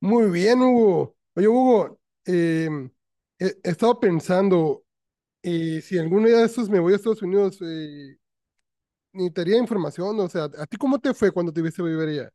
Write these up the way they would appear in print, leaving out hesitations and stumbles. Muy bien, Hugo. Oye, Hugo, he estado pensando, si algún día de estos me voy a Estados Unidos, necesitaría información, o sea, ¿a ti cómo te fue cuando te viste vivir allá?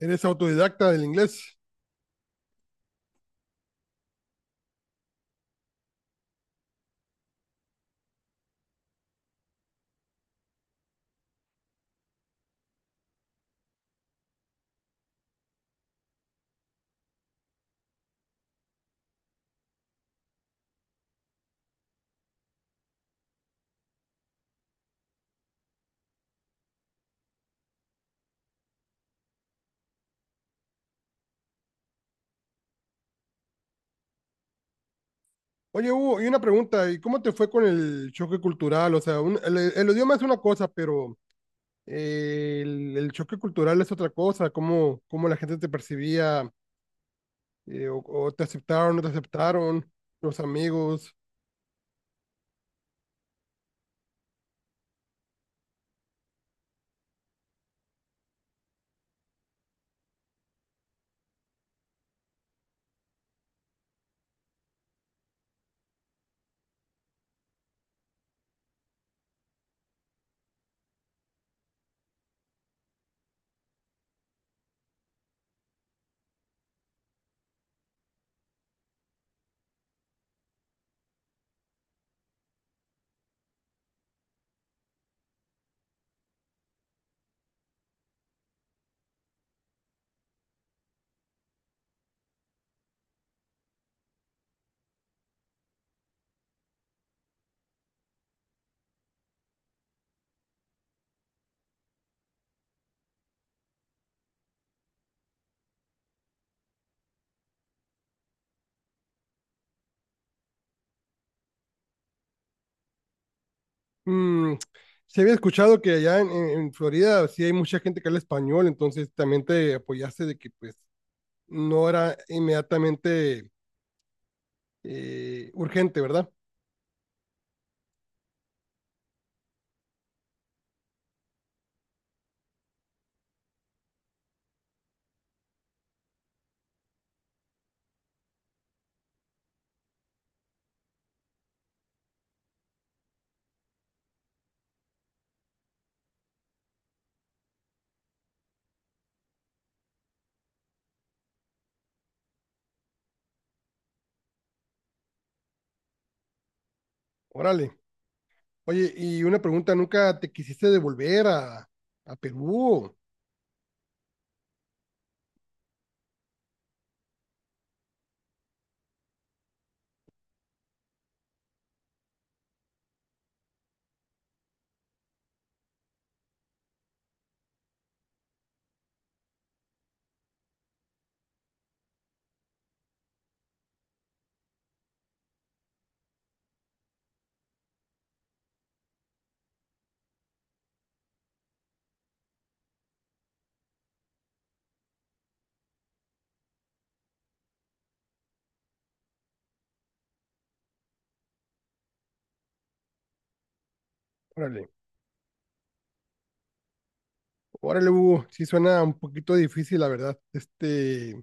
Eres autodidacta del inglés. Oye, Hugo, y una pregunta, ¿y cómo te fue con el choque cultural? O sea, el idioma es una cosa, pero el choque cultural es otra cosa, cómo, cómo la gente te percibía, o te aceptaron, no te aceptaron, los amigos. Mm, se había escuchado que allá en Florida sí hay mucha gente que habla español, entonces también te apoyaste de que pues no era inmediatamente urgente, ¿verdad? Órale. Oye, y una pregunta, ¿nunca te quisiste devolver a Perú? Órale, órale, Hugo, sí suena un poquito difícil, la verdad. Este,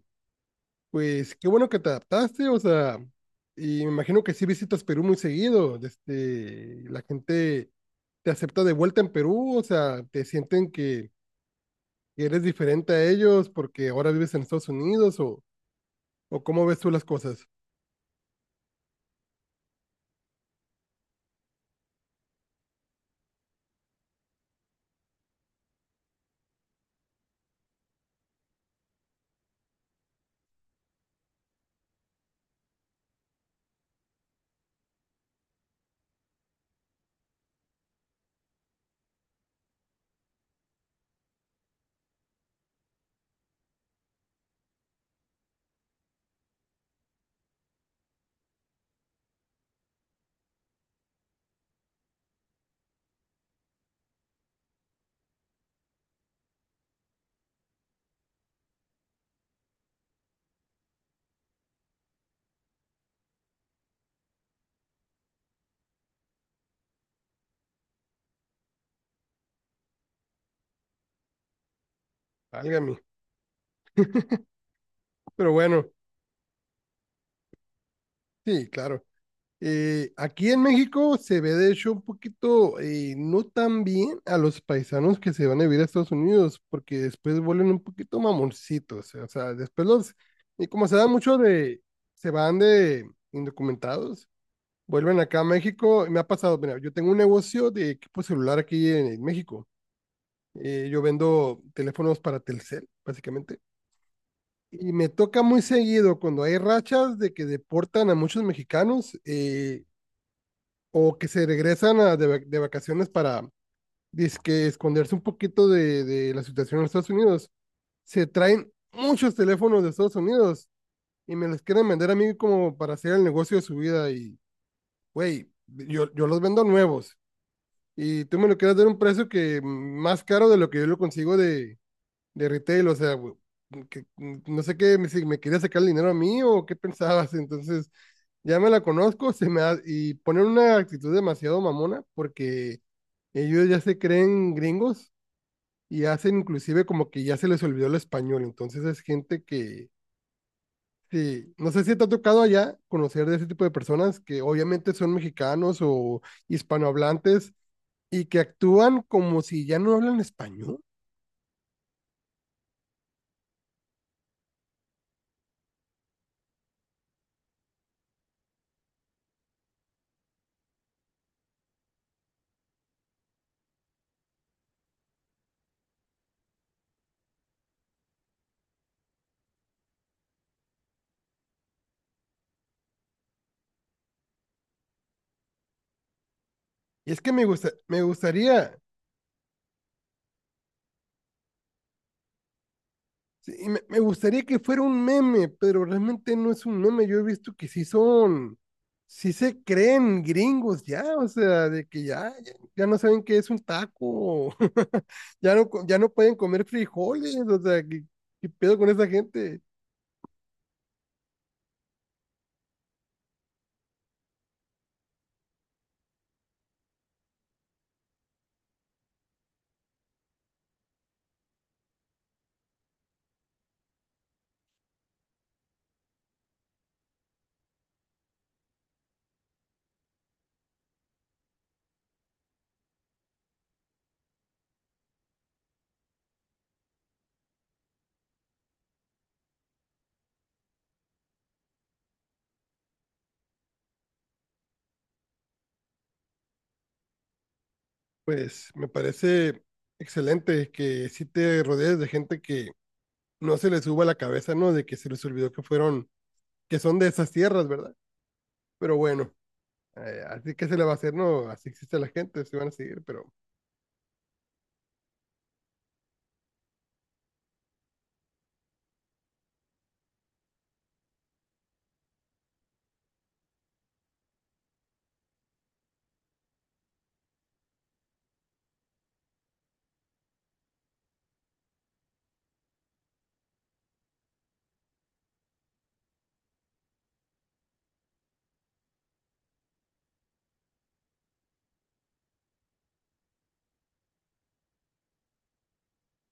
pues qué bueno que te adaptaste, o sea, y me imagino que sí visitas Perú muy seguido, este, la gente te acepta de vuelta en Perú, o sea, te sienten que eres diferente a ellos porque ahora vives en Estados Unidos o cómo ves tú las cosas. Válgame, pero bueno, sí, claro. Aquí en México se ve de hecho un poquito no tan bien a los paisanos que se van a vivir a Estados Unidos, porque después vuelven un poquito mamoncitos, o sea, después los, y como se da mucho de, se van de indocumentados, vuelven acá a México, y me ha pasado, mira, yo tengo un negocio de equipo celular aquí en México. Yo vendo teléfonos para Telcel, básicamente. Y me toca muy seguido cuando hay rachas de que deportan a muchos mexicanos. O que se regresan de vacaciones para dizque esconderse un poquito de la situación en Estados Unidos, se traen muchos teléfonos de Estados Unidos y me los quieren vender a mí como para hacer el negocio de su vida y, güey, yo los vendo nuevos y tú me lo quieres dar a un precio que más caro de lo que yo lo consigo de retail, o sea, güey, que, no sé qué, si me quería sacar el dinero a mí o qué pensabas, entonces ya me la conozco, y ponen una actitud demasiado mamona porque ellos ya se creen gringos y hacen inclusive como que ya se les olvidó el español. Entonces es gente que, sí, no sé si te ha tocado allá conocer de ese tipo de personas que obviamente son mexicanos o hispanohablantes y que actúan como si ya no hablan español. Y es que me gusta, me gustaría sí, me gustaría que fuera un meme, pero realmente no es un meme. Yo he visto que sí son, sí se creen gringos ya, o sea, de que ya, ya, ya no saben qué es un taco, ya no, ya no pueden comer frijoles, o sea, ¿qué, qué pedo con esa gente? Pues me parece excelente que sí te rodees de gente que no se les suba la cabeza, ¿no? De que se les olvidó que fueron, que son de esas tierras, ¿verdad? Pero bueno, así que se le va a hacer, ¿no? Así existe la gente, se van a seguir, pero...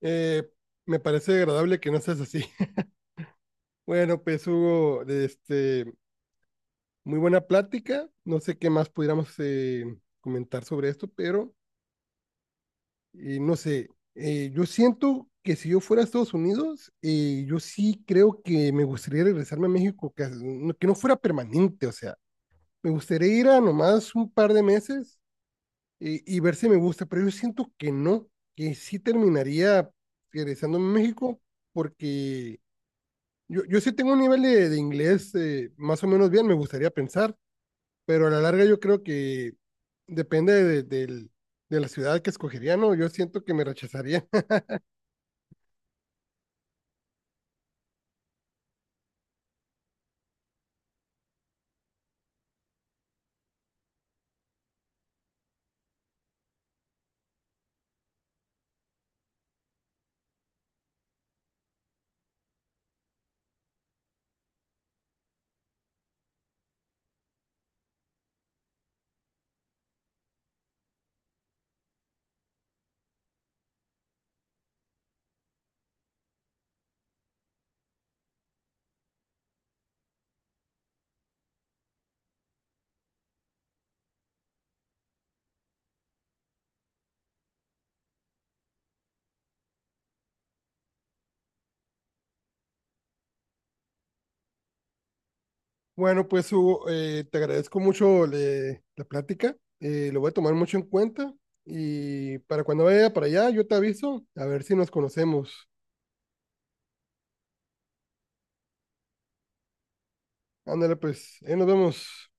Eh, Me parece agradable que no seas así. Bueno, pues Hugo, este, muy buena plática. No sé qué más pudiéramos comentar sobre esto, pero no sé. Yo siento que si yo fuera a Estados Unidos, yo sí creo que me gustaría regresarme a México, que, que no fuera permanente, o sea, me gustaría ir a nomás un par de meses y ver si me gusta, pero yo siento que no, que sí terminaría regresando a México porque yo sí tengo un nivel de inglés más o menos bien, me gustaría pensar, pero a la larga yo creo que depende de la ciudad que escogería, ¿no? Yo siento que me rechazaría. Bueno, pues Hugo, te agradezco mucho la plática, lo voy a tomar mucho en cuenta y para cuando vaya para allá yo te aviso, a ver si nos conocemos. Ándale, pues, ahí nos vemos.